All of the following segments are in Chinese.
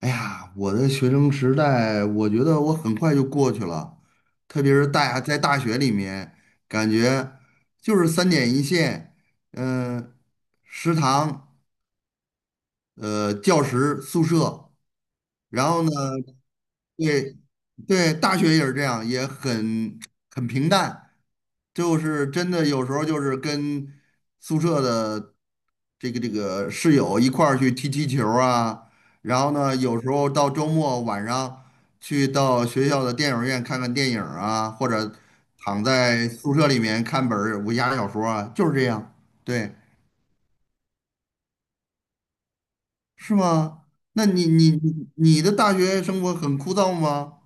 哎呀，我的学生时代，我觉得我很快就过去了，特别是大学里面，感觉就是三点一线，嗯、食堂。教室、宿舍，然后呢，对对，大学也是这样，也很平淡，就是真的有时候就是跟宿舍的这个室友一块儿去踢踢球儿啊，然后呢，有时候到周末晚上去到学校的电影院看看电影儿啊，或者躺在宿舍里面看本儿武侠小说啊，就是这样，对。是吗？那你的大学生活很枯燥吗？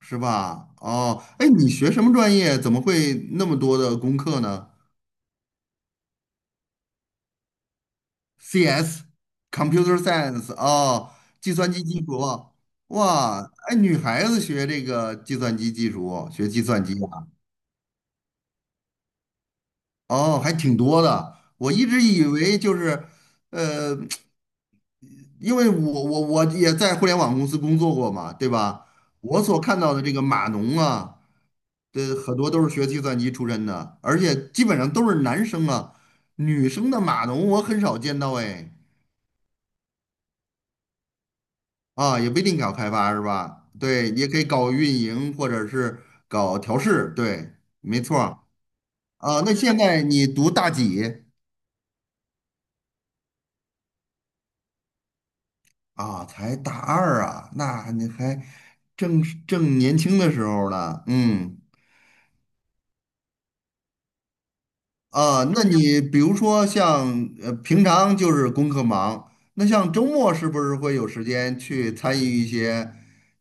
是吧？哦，哎，你学什么专业？怎么会那么多的功课呢？CS，Computer Science，哦，计算机技术，哇，哎，女孩子学这个计算机技术，学计算机啊，哦，还挺多的。我一直以为就是，呃。因为我也在互联网公司工作过嘛，对吧？我所看到的这个码农啊，这很多都是学计算机出身的，而且基本上都是男生啊，女生的码农我很少见到哎。啊，也不一定搞开发是吧？对，也可以搞运营或者是搞调试，对，没错儿啊，那现在你读大几啊？才大二啊，那你还正年轻的时候呢，嗯。啊，那你比如说像平常就是功课忙，那像周末是不是会有时间去参与一些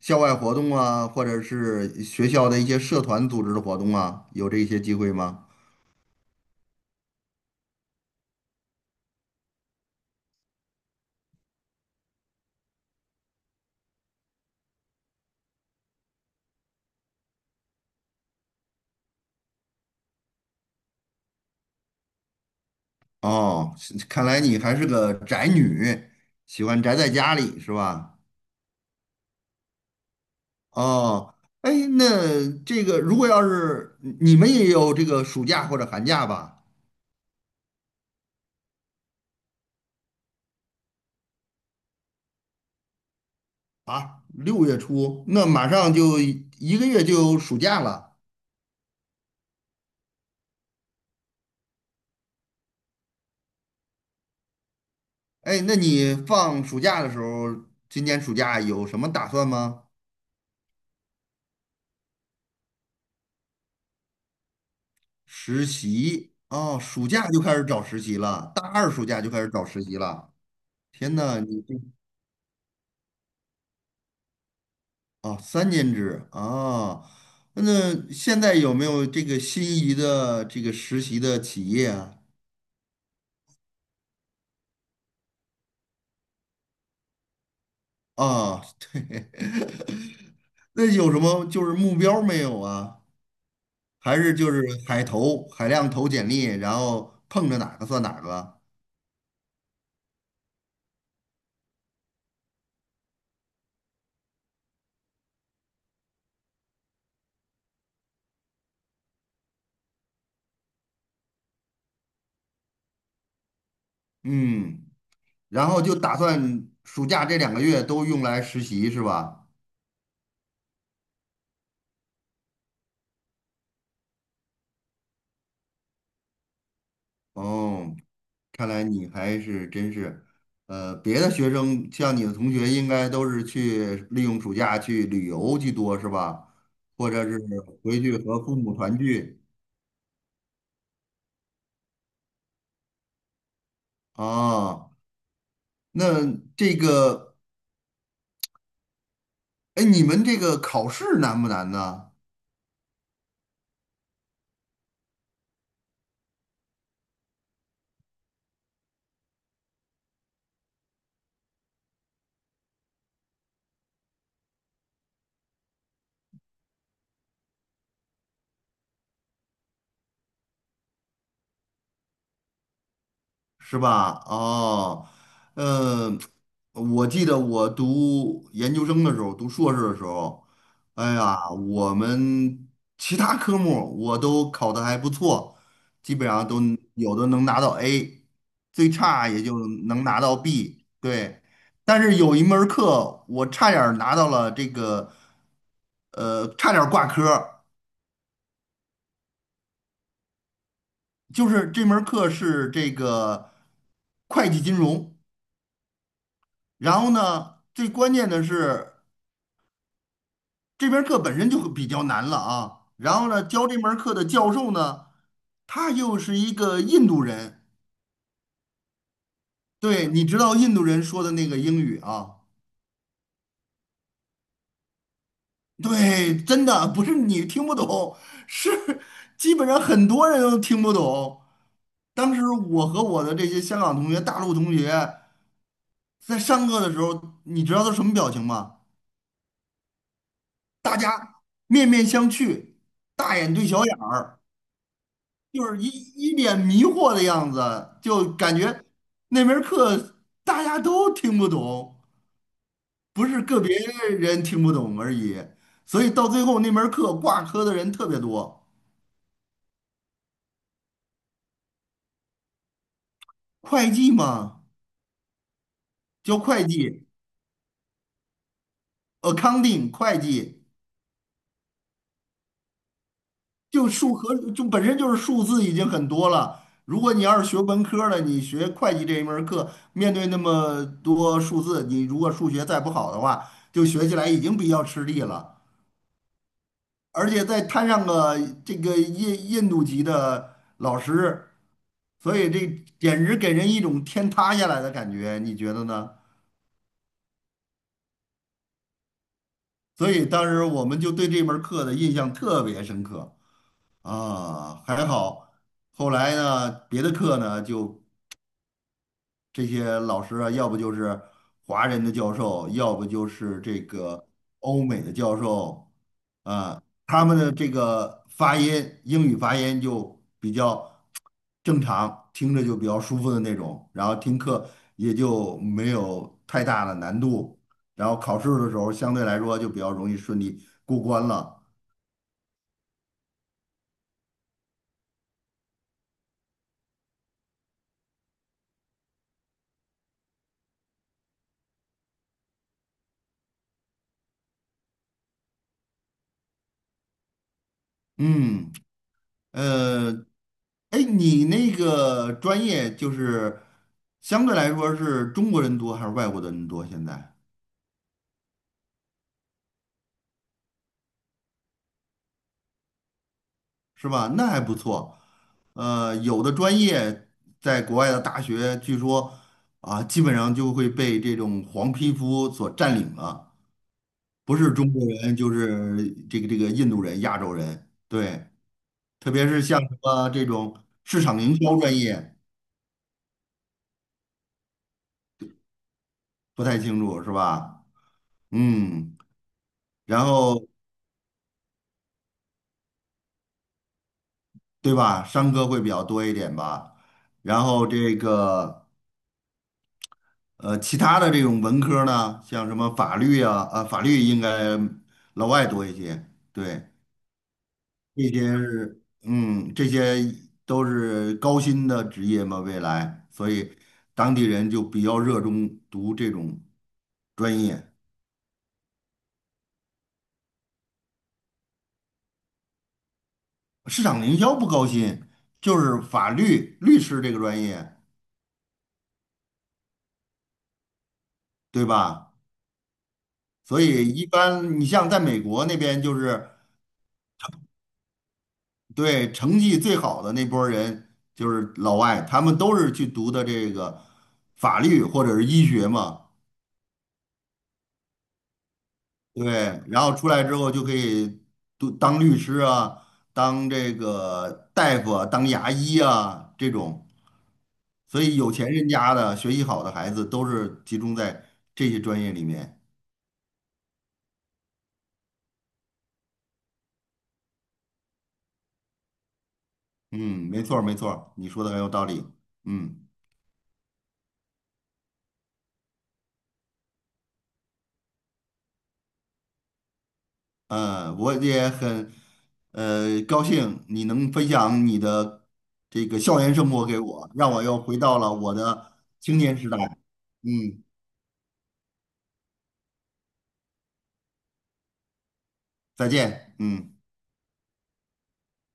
校外活动啊，或者是学校的一些社团组织的活动啊？有这些机会吗？哦，是看来你还是个宅女，喜欢宅在家里是吧？哦，哎，那这个如果要是你们也有这个暑假或者寒假吧？啊，六月初，那马上就一个月就有暑假了。哎，那你放暑假的时候，今年暑假有什么打算吗？实习哦，暑假就开始找实习了，大二暑假就开始找实习了。天呐，你这哦，三年制啊，那现在有没有这个心仪的这个实习的企业啊？啊，对，那有什么就是目标没有啊？还是就是海投，海量投简历，然后碰着哪个算哪个？嗯。然后就打算暑假这两个月都用来实习是吧？哦，看来你还是真是，别的学生像你的同学应该都是去利用暑假去旅游居多是吧？或者是回去和父母团聚啊？那这个，哎，你们这个考试难不难呢？是吧？哦，嗯，我记得我读研究生的时候，读硕士的时候，哎呀，我们其他科目我都考得还不错，基本上都有的能拿到 A，最差也就能拿到 B。对，但是有一门儿课我差点儿拿到了这个，差点儿挂科儿就是这门儿课是这个会计金融。然后呢，最关键的是。这门课本身就比较难了啊。然后呢，教这门课的教授呢，他又是一个印度人，对，你知道印度人说的那个英语啊，对，真的不是你听不懂，是基本上很多人都听不懂。当时我和我的这些香港同学、大陆同学在上课的时候，你知道都什么表情吗？大家面面相觑，大眼对小眼儿。就是一脸迷惑的样子，就感觉那门课大家都听不懂，不是个别人听不懂而已。所以到最后那门课挂科的人特别多。会计嘛，教会计，accounting 会计，就数和就本身就是数字已经很多了。如果你要是学文科的，你学会计这一门儿课，面对那么多数字，你如果数学再不好的话，就学起来已经比较吃力了。而且再摊上个这个印度籍的老师，所以这简直给人一种天塌下来的感觉，你觉得呢？所以当时我们就对这门课的印象特别深刻啊，还好后来呢，别的课呢就这些老师啊，要不就是华人的教授，要不就是这个欧美的教授，啊，他们的这个发音，英语发音就比较正常，听着就比较舒服的那种，然后听课也就没有太大的难度，然后考试的时候相对来说就比较容易顺利过关了。嗯。呃，哎，你那个专业就是相对来说是中国人多还是外国的人多？现在是吧？那还不错。呃，有的专业在国外的大学，据说啊，基本上就会被这种黄皮肤所占领了，不是中国人就是这个这个印度人、亚洲人。对，特别是像什么这种市场营销专业，不太清楚是吧？嗯，然后。对吧？商科会比较多一点吧。然后这个其他的这种文科呢，像什么法律啊，啊，法律应该老外多一些。对，这些是嗯，这些都是高薪的职业嘛，未来，所以当地人就比较热衷读这种专业。市场营销不高薪，就是法律律师这个专业，对吧？所以一般你像在美国那边就是。对，成绩最好的那波人就是老外，他们都是去读的这个法律或者是医学嘛，对，然后出来之后就可以读当律师啊，当这个大夫啊，当牙医啊这种，所以有钱人家的学习好的孩子都是集中在这些专业里面。嗯，没错儿没错儿你说的很有道理。嗯。嗯，我也很高兴你能分享你的这个校园生活给我，让我又回到了我的青年时代。嗯，再见。嗯。